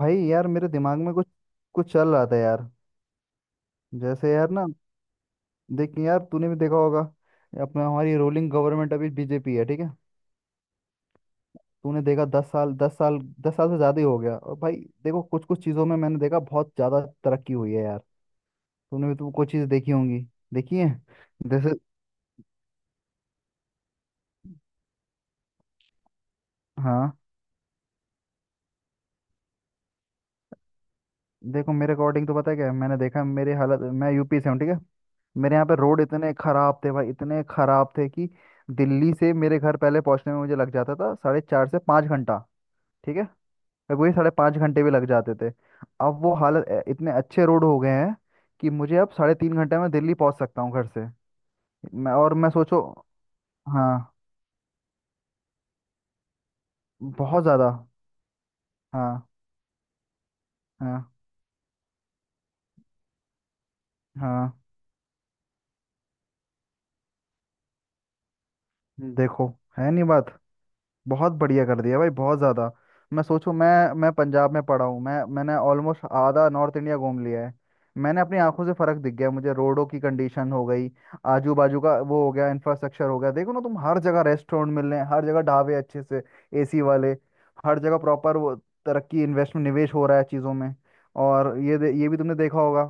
भाई यार मेरे दिमाग में कुछ कुछ चल रहा था यार। जैसे यार ना, देख यार तूने भी देखा होगा। अपना हमारी रूलिंग गवर्नमेंट अभी बीजेपी है, ठीक है। तूने देखा 10 साल, 10 साल, 10 साल से ज़्यादा ही हो गया और भाई। देखो कुछ कुछ चीज़ों में मैंने देखा बहुत ज़्यादा तरक्की हुई है यार। तुमने भी तो कुछ चीज़ देखी होंगी, देखी है। जैसे, हाँ। देखो मेरे अकॉर्डिंग तो पता है क्या है, मैंने देखा मेरे हालत, मैं यूपी से हूँ, ठीक है। मेरे यहाँ पे रोड इतने खराब थे भाई, इतने खराब थे कि दिल्ली से मेरे घर पहले पहुँचने में मुझे लग जाता था 4.5 से 5 घंटा, ठीक है। और वही 5.5 घंटे भी लग जाते थे। अब वो हालत इतने अच्छे रोड हो गए हैं कि मुझे अब 3.5 घंटे में दिल्ली पहुँच सकता हूँ घर से। मैं और मैं सोचो, हाँ, बहुत ज़्यादा। हाँ हाँ हाँ। देखो है नहीं बात, बहुत बढ़िया कर दिया भाई, बहुत ज़्यादा। मैं सोचूं, मैं पंजाब में पढ़ा हूँ, मैंने ऑलमोस्ट आधा नॉर्थ इंडिया घूम लिया है। मैंने अपनी आंखों से फर्क दिख गया मुझे, रोडों की कंडीशन हो गई, आजू बाजू का वो हो गया, इंफ्रास्ट्रक्चर हो गया। देखो ना तुम, हर जगह रेस्टोरेंट मिल रहे हैं, हर जगह ढाबे अच्छे से, एसी वाले, हर जगह प्रॉपर वो तरक्की, इन्वेस्टमेंट, निवेश हो रहा है चीज़ों में। और ये भी तुमने देखा होगा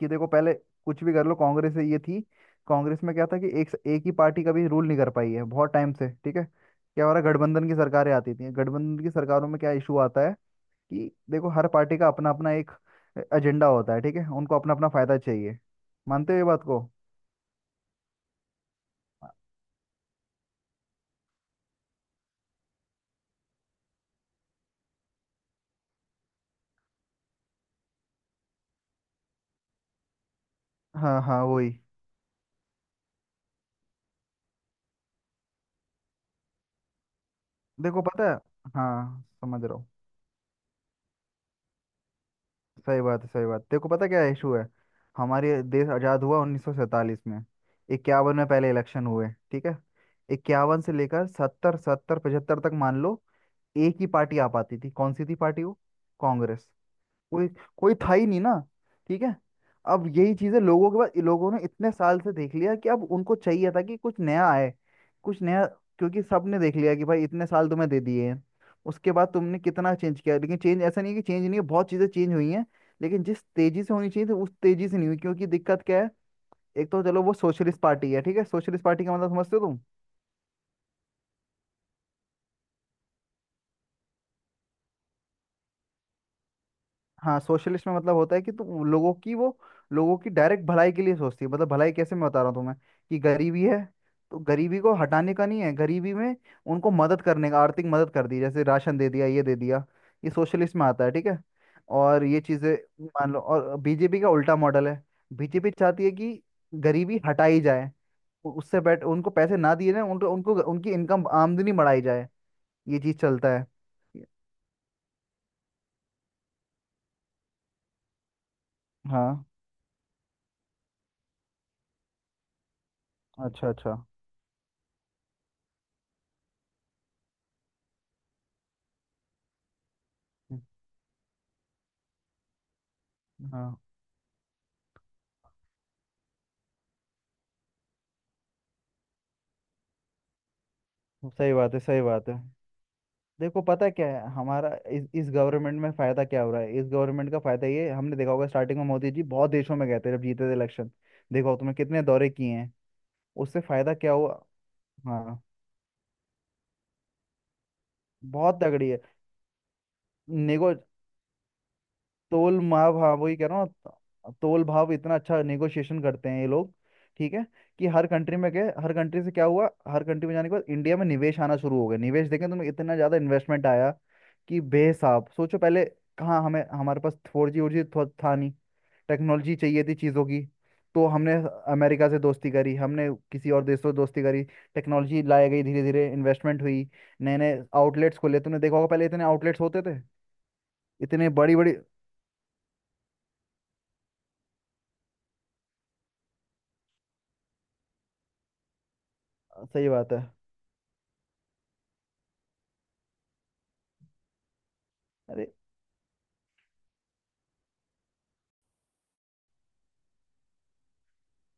कि देखो पहले कुछ भी कर लो, कांग्रेस से ये थी। कांग्रेस में क्या था कि एक एक ही पार्टी कभी रूल नहीं कर पाई है बहुत टाइम से, ठीक है। क्या हो रहा है, गठबंधन की सरकारें आती थी, गठबंधन की सरकारों में क्या इशू आता है कि देखो हर पार्टी का अपना अपना एक एजेंडा होता है, ठीक है, उनको अपना अपना फायदा चाहिए। मानते हो ये बात को? हाँ हाँ वही। देखो पता है, हाँ समझ रहा हूँ, सही बात है, सही बात। देखो पता क्या इशू है, हमारे देश आज़ाद हुआ 1947 में, 51 में पहले इलेक्शन हुए, ठीक है। 51 से लेकर 70 70 75 तक मान लो एक ही पार्टी आ पाती थी, कौन सी थी पार्टी वो? कांग्रेस। कोई कोई था ही नहीं ना, ठीक है। अब यही चीजें लोगों के पास, लोगों ने इतने साल से देख लिया कि अब उनको चाहिए था कि कुछ नया आए, कुछ नया। क्योंकि सबने देख लिया कि भाई, इतने साल तुम्हें दे दिए हैं, उसके बाद तुमने कितना चेंज किया, लेकिन चेंज ऐसा नहीं है कि चेंज नहीं है, बहुत चीजें चेंज हुई हैं, लेकिन जिस तेजी से होनी चाहिए थी उस तेजी से नहीं हुई क्योंकि दिक्कत क्या है। एक तो चलो वो सोशलिस्ट पार्टी है, ठीक है, सोशलिस्ट पार्टी का मतलब समझते हो? हाँ, सोशलिस्ट में मतलब होता है कि तुम लोगों की वो, लोगों की डायरेक्ट भलाई के लिए सोचती है, मतलब भलाई कैसे, मैं बता रहा हूँ तुम्हें कि गरीबी है, तो गरीबी को हटाने का नहीं है, गरीबी में उनको मदद करने का, आर्थिक मदद कर दी जैसे राशन दे दिया, ये दे दिया, ये सोशलिस्ट में आता है, ठीक है। और ये चीजें मान लो, और बीजेपी का उल्टा मॉडल है। बीजेपी चाहती है कि गरीबी हटाई जाए, उससे बेट उनको पैसे ना दिए ना, उनको उनको उनकी इनकम आमदनी बढ़ाई जाए, ये चीज चलता है। हाँ, अच्छा अच्छा, हाँ, सही बात है, सही बात है। देखो पता है क्या है, हमारा इस गवर्नमेंट में फायदा क्या हो रहा है, इस गवर्नमेंट का फायदा ये है, हमने देखा होगा स्टार्टिंग में मोदी जी बहुत देशों में गए थे जब जीते थे इलेक्शन। देखो तुमने कितने दौरे किए हैं, उससे फायदा क्या हुआ। हाँ, बहुत तगड़ी है, नेगो तोल भाव, हाँ वही कह रहा हूँ, तोल भाव इतना अच्छा नेगोशिएशन करते हैं ये लोग, ठीक है, कि हर कंट्री में गए, हर कंट्री से क्या हुआ, हर कंट्री में जाने के बाद इंडिया में निवेश आना शुरू हो गया, निवेश देखें तुम्हें इतना ज़्यादा इन्वेस्टमेंट आया कि बेहिसाब। सोचो पहले कहाँ हमें, हमारे पास 4G वोर जी था नहीं, टेक्नोलॉजी चाहिए थी चीज़ों की। तो हमने अमेरिका से दोस्ती करी, हमने किसी और देश से दोस्ती करी, टेक्नोलॉजी लाई गई, धीरे धीरे इन्वेस्टमेंट हुई। नए नए आउटलेट्स खोले, तुमने देखा होगा पहले इतने आउटलेट्स होते थे, इतने बड़ी बड़ी, सही बात है। अरे,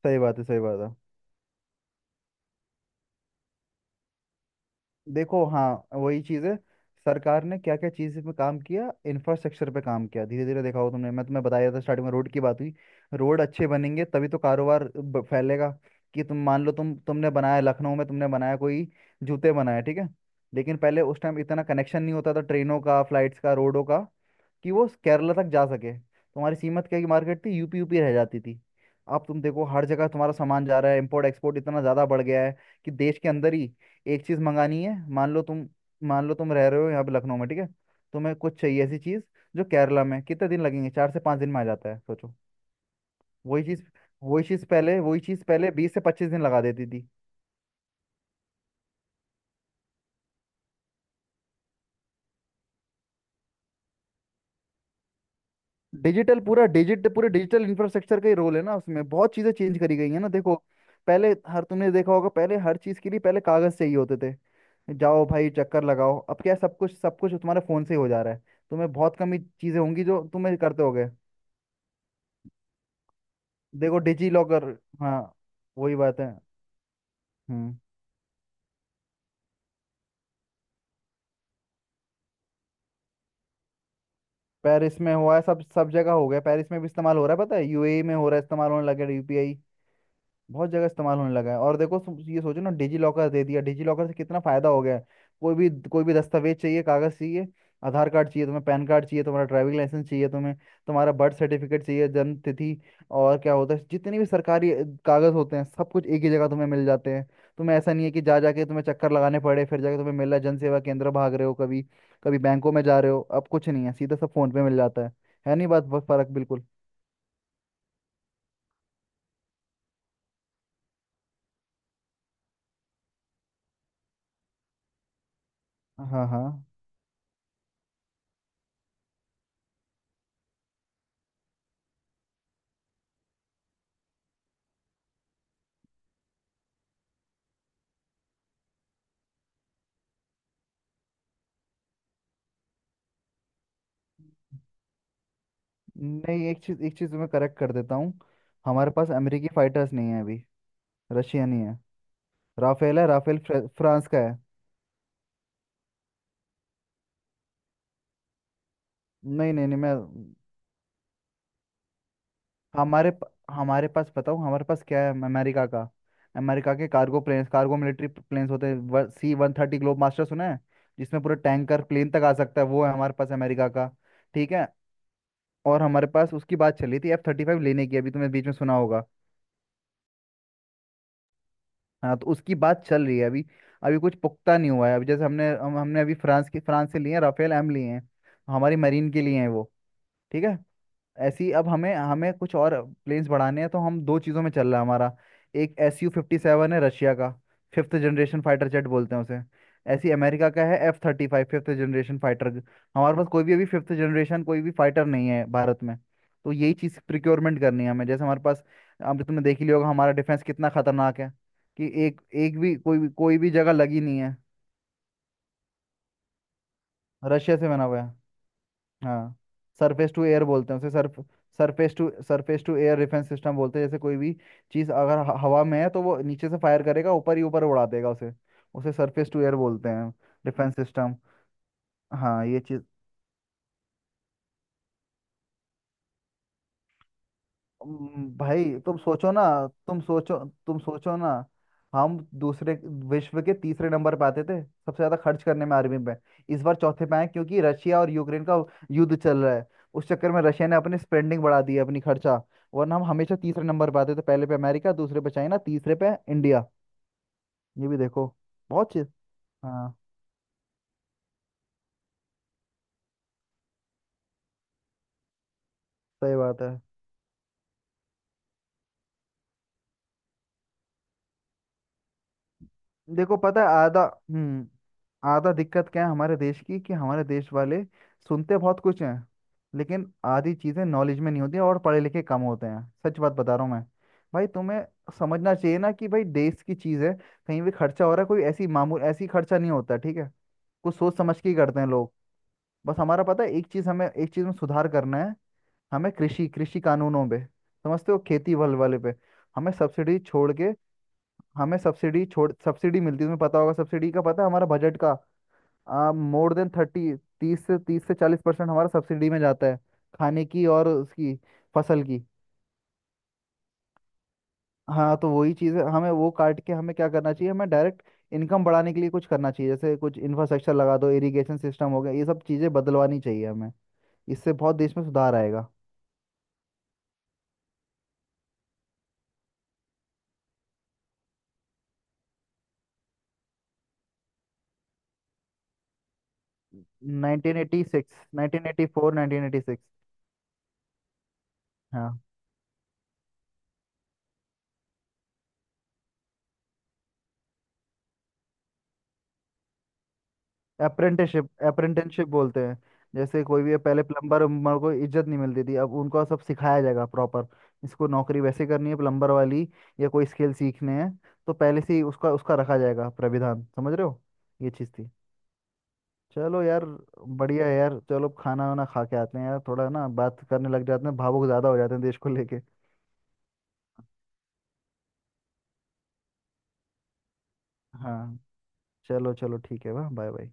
सही बात है, सही बात है। देखो हाँ, वही चीज़ है। सरकार ने क्या क्या चीज़ पे काम किया, इंफ्रास्ट्रक्चर पे काम किया धीरे धीरे, देखा हो तुमने, मैं तुम्हें बताया था स्टार्टिंग में, रोड की बात हुई। रोड अच्छे बनेंगे तभी तो कारोबार फैलेगा। कि तुम मान लो, तुमने बनाया लखनऊ में, तुमने बनाया कोई जूते बनाया, ठीक है। लेकिन पहले उस टाइम इतना कनेक्शन नहीं होता था, ट्रेनों का, फ्लाइट्स का, रोडों का, कि वो केरला तक जा सके, तुम्हारी सीमत क्या की मार्केट थी, यूपी यूपी रह जाती थी। अब तुम देखो हर जगह तुम्हारा सामान जा रहा है, इंपोर्ट एक्सपोर्ट इतना ज़्यादा बढ़ गया है कि देश के अंदर ही एक चीज़ मंगानी है मान लो तुम, मान लो तुम रह रहे हो यहाँ पे लखनऊ में, ठीक है, तुम्हें कुछ चाहिए ऐसी चीज़ जो केरला में, कितने दिन लगेंगे, 4 से 5 दिन में आ जाता है, सोचो। वही चीज़, वही चीज़ पहले, वही चीज़ पहले 20 से 25 दिन लगा देती थी। डिजिटल पूरा डिजिट पूरे डिजिटल इंफ्रास्ट्रक्चर का ही रोल है ना उसमें, बहुत चीजें चेंज करी गई है ना देखो। पहले हर, तुमने देखा होगा, पहले हर चीज के लिए पहले कागज चाहिए होते थे, जाओ भाई चक्कर लगाओ, अब क्या है, सब कुछ, सब कुछ तुम्हारे फोन से ही हो जा रहा है। तुम्हें बहुत कम ही चीजें होंगी जो तुम्हें करते होगे। देखो डिजी लॉकर, हाँ वही बात है, हम्म। पेरिस में हुआ है, सब सब जगह हो गया, पेरिस में भी इस्तेमाल हो रहा है, पता है यूएई में हो रहा है, इस्तेमाल होने लगे यूपीआई, बहुत जगह इस्तेमाल होने लगा है। और देखो तुम ये सोचो ना, डिजी लॉकर दे दिया, डिजी लॉकर से कितना फायदा हो गया है, कोई भी दस्तावेज चाहिए, कागज चाहिए, आधार कार्ड चाहिए तुम्हें, पैन कार्ड चाहिए, तुम्हारा ड्राइविंग लाइसेंस चाहिए तुम्हें, तुम्हारा बर्थ सर्टिफिकेट चाहिए, जन्म तिथि। और क्या होता है, जितने भी सरकारी कागज होते हैं सब कुछ एक ही जगह तुम्हें मिल जाते हैं। तुम्हें ऐसा नहीं है कि जा जाके तुम्हें चक्कर लगाने पड़े, फिर जाके तुम्हें मिल रहा है, जन सेवा केंद्र भाग रहे हो, कभी कभी बैंकों में जा रहे हो, अब कुछ नहीं है, सीधा सब फोन पे मिल जाता है नहीं बात, बहुत फर्क, बिल्कुल। हाँ हाँ। नहीं, एक चीज, एक चीज मैं करेक्ट कर देता हूँ, हमारे पास अमेरिकी फाइटर्स नहीं है अभी, रशिया नहीं है, राफेल है, राफेल फ्रांस का है। नहीं नहीं नहीं मैं, हमारे पास बताऊँ, हमारे पास क्या है, अमेरिका का, अमेरिका के cargo planes, cargo military planes होते हैं, C-130 ग्लोब मास्टर सुना है, जिसमें पूरा टैंकर प्लेन तक आ सकता है, वो है हमारे पास अमेरिका का, ठीक है। और हमारे पास उसकी बात चली थी F-35 लेने की, अभी तुमने बीच में सुना होगा। हाँ तो उसकी बात चल रही है अभी, अभी कुछ पुख्ता नहीं हुआ है, अभी जैसे हमने अभी फ्रांस की, फ्रांस से लिए हैं राफेल एम लिए हैं, हमारी मरीन के लिए हैं वो, ठीक है। ऐसी अब हमें हमें कुछ और प्लेन्स बढ़ाने हैं, तो हम दो चीज़ों में चल रहा है हमारा। एक, Su-57 है रशिया का, फिफ्थ जनरेशन फाइटर जेट बोलते हैं उसे। ऐसी अमेरिका का है F-35 फिफ्थ जनरेशन फाइटर। हमारे पास कोई भी अभी फिफ्थ जनरेशन कोई भी फाइटर नहीं है भारत में। तो यही चीज़ प्रिक्योरमेंट करनी है हमें, जैसे हमारे पास, अब तुमने देख ही लिया होगा, हमारा डिफेंस कितना खतरनाक है, कि एक एक भी, कोई भी कोई भी जगह लगी नहीं है। रशिया से बना हुआ है, हाँ, सरफेस टू एयर बोलते हैं उसे, surface surface to air defence system बोलते हैं, जैसे कोई भी चीज़ अगर हवा में है तो वो नीचे से फायर करेगा, ऊपर ही ऊपर उड़ा देगा उसे, उसे सरफेस टू एयर बोलते हैं डिफेंस सिस्टम। हाँ ये चीज़, भाई तुम सोचो ना, तुम सोचो, तुम सोचो ना। हम दूसरे विश्व के तीसरे नंबर पे आते थे सबसे ज्यादा खर्च करने में आर्मी पे। इस बार चौथे पे आए क्योंकि रशिया और यूक्रेन का युद्ध चल रहा है। उस चक्कर में रशिया ने अपनी स्पेंडिंग बढ़ा दी है, अपनी खर्चा। वरना हम हमेशा तीसरे नंबर पे आते थे, पहले पे अमेरिका, दूसरे पे चाइना, तीसरे पे इंडिया, ये भी देखो, बहुत चीज। हाँ सही बात है। देखो पता है, आधा, हम्म आधा दिक्कत क्या है हमारे देश की कि हमारे देश वाले सुनते बहुत कुछ हैं, लेकिन आधी चीजें नॉलेज में नहीं होती, और पढ़े लिखे कम होते हैं, सच बात बता रहा हूँ मैं भाई, तुम्हें समझना चाहिए ना कि भाई देश की चीज है, कहीं भी खर्चा हो रहा है, कोई ऐसी मामूल ऐसी खर्चा नहीं होता, ठीक है, कुछ सोच समझ के ही करते हैं लोग। बस हमारा पता है, एक चीज, हमें एक चीज में सुधार करना है। हमें कृषि कृषि कानूनों पे समझते हो, खेती वाले वाले पे। हमें सब्सिडी छोड़ के, हमें सब्सिडी छोड़, सब्सिडी मिलती है तुम्हें पता होगा, सब्सिडी का पता है, हमारा बजट का मोर देन 30, तीस से चालीस परसेंट हमारा सब्सिडी में जाता है, खाने की, और उसकी फसल की। हाँ तो वही चीज़ है, हमें वो काट के हमें क्या करना चाहिए, हमें डायरेक्ट इनकम बढ़ाने के लिए कुछ करना चाहिए, जैसे कुछ इंफ्रास्ट्रक्चर लगा दो, इरिगेशन सिस्टम हो गया, ये सब चीज़ें बदलवानी चाहिए हमें, इससे बहुत देश में सुधार आएगा। 1986, 1984, 1986। अप्रेंटिसशिप, अप्रेंटिसशिप बोलते हैं, जैसे कोई भी पहले प्लम्बर उम्बर को इज्जत नहीं मिलती थी, अब उनको सब सिखाया जाएगा प्रॉपर। इसको नौकरी वैसे करनी है, प्लम्बर वाली, या कोई स्किल सीखने हैं, तो पहले से ही उसका उसका रखा जाएगा प्राविधान, समझ रहे हो, ये चीज़ थी। चलो यार, बढ़िया है यार, चलो खाना वाना खा के आते हैं यार, थोड़ा ना बात करने लग जाते हैं, भावुक ज़्यादा हो जाते हैं देश को लेके। हाँ चलो चलो ठीक है, वाह, बाय बाय।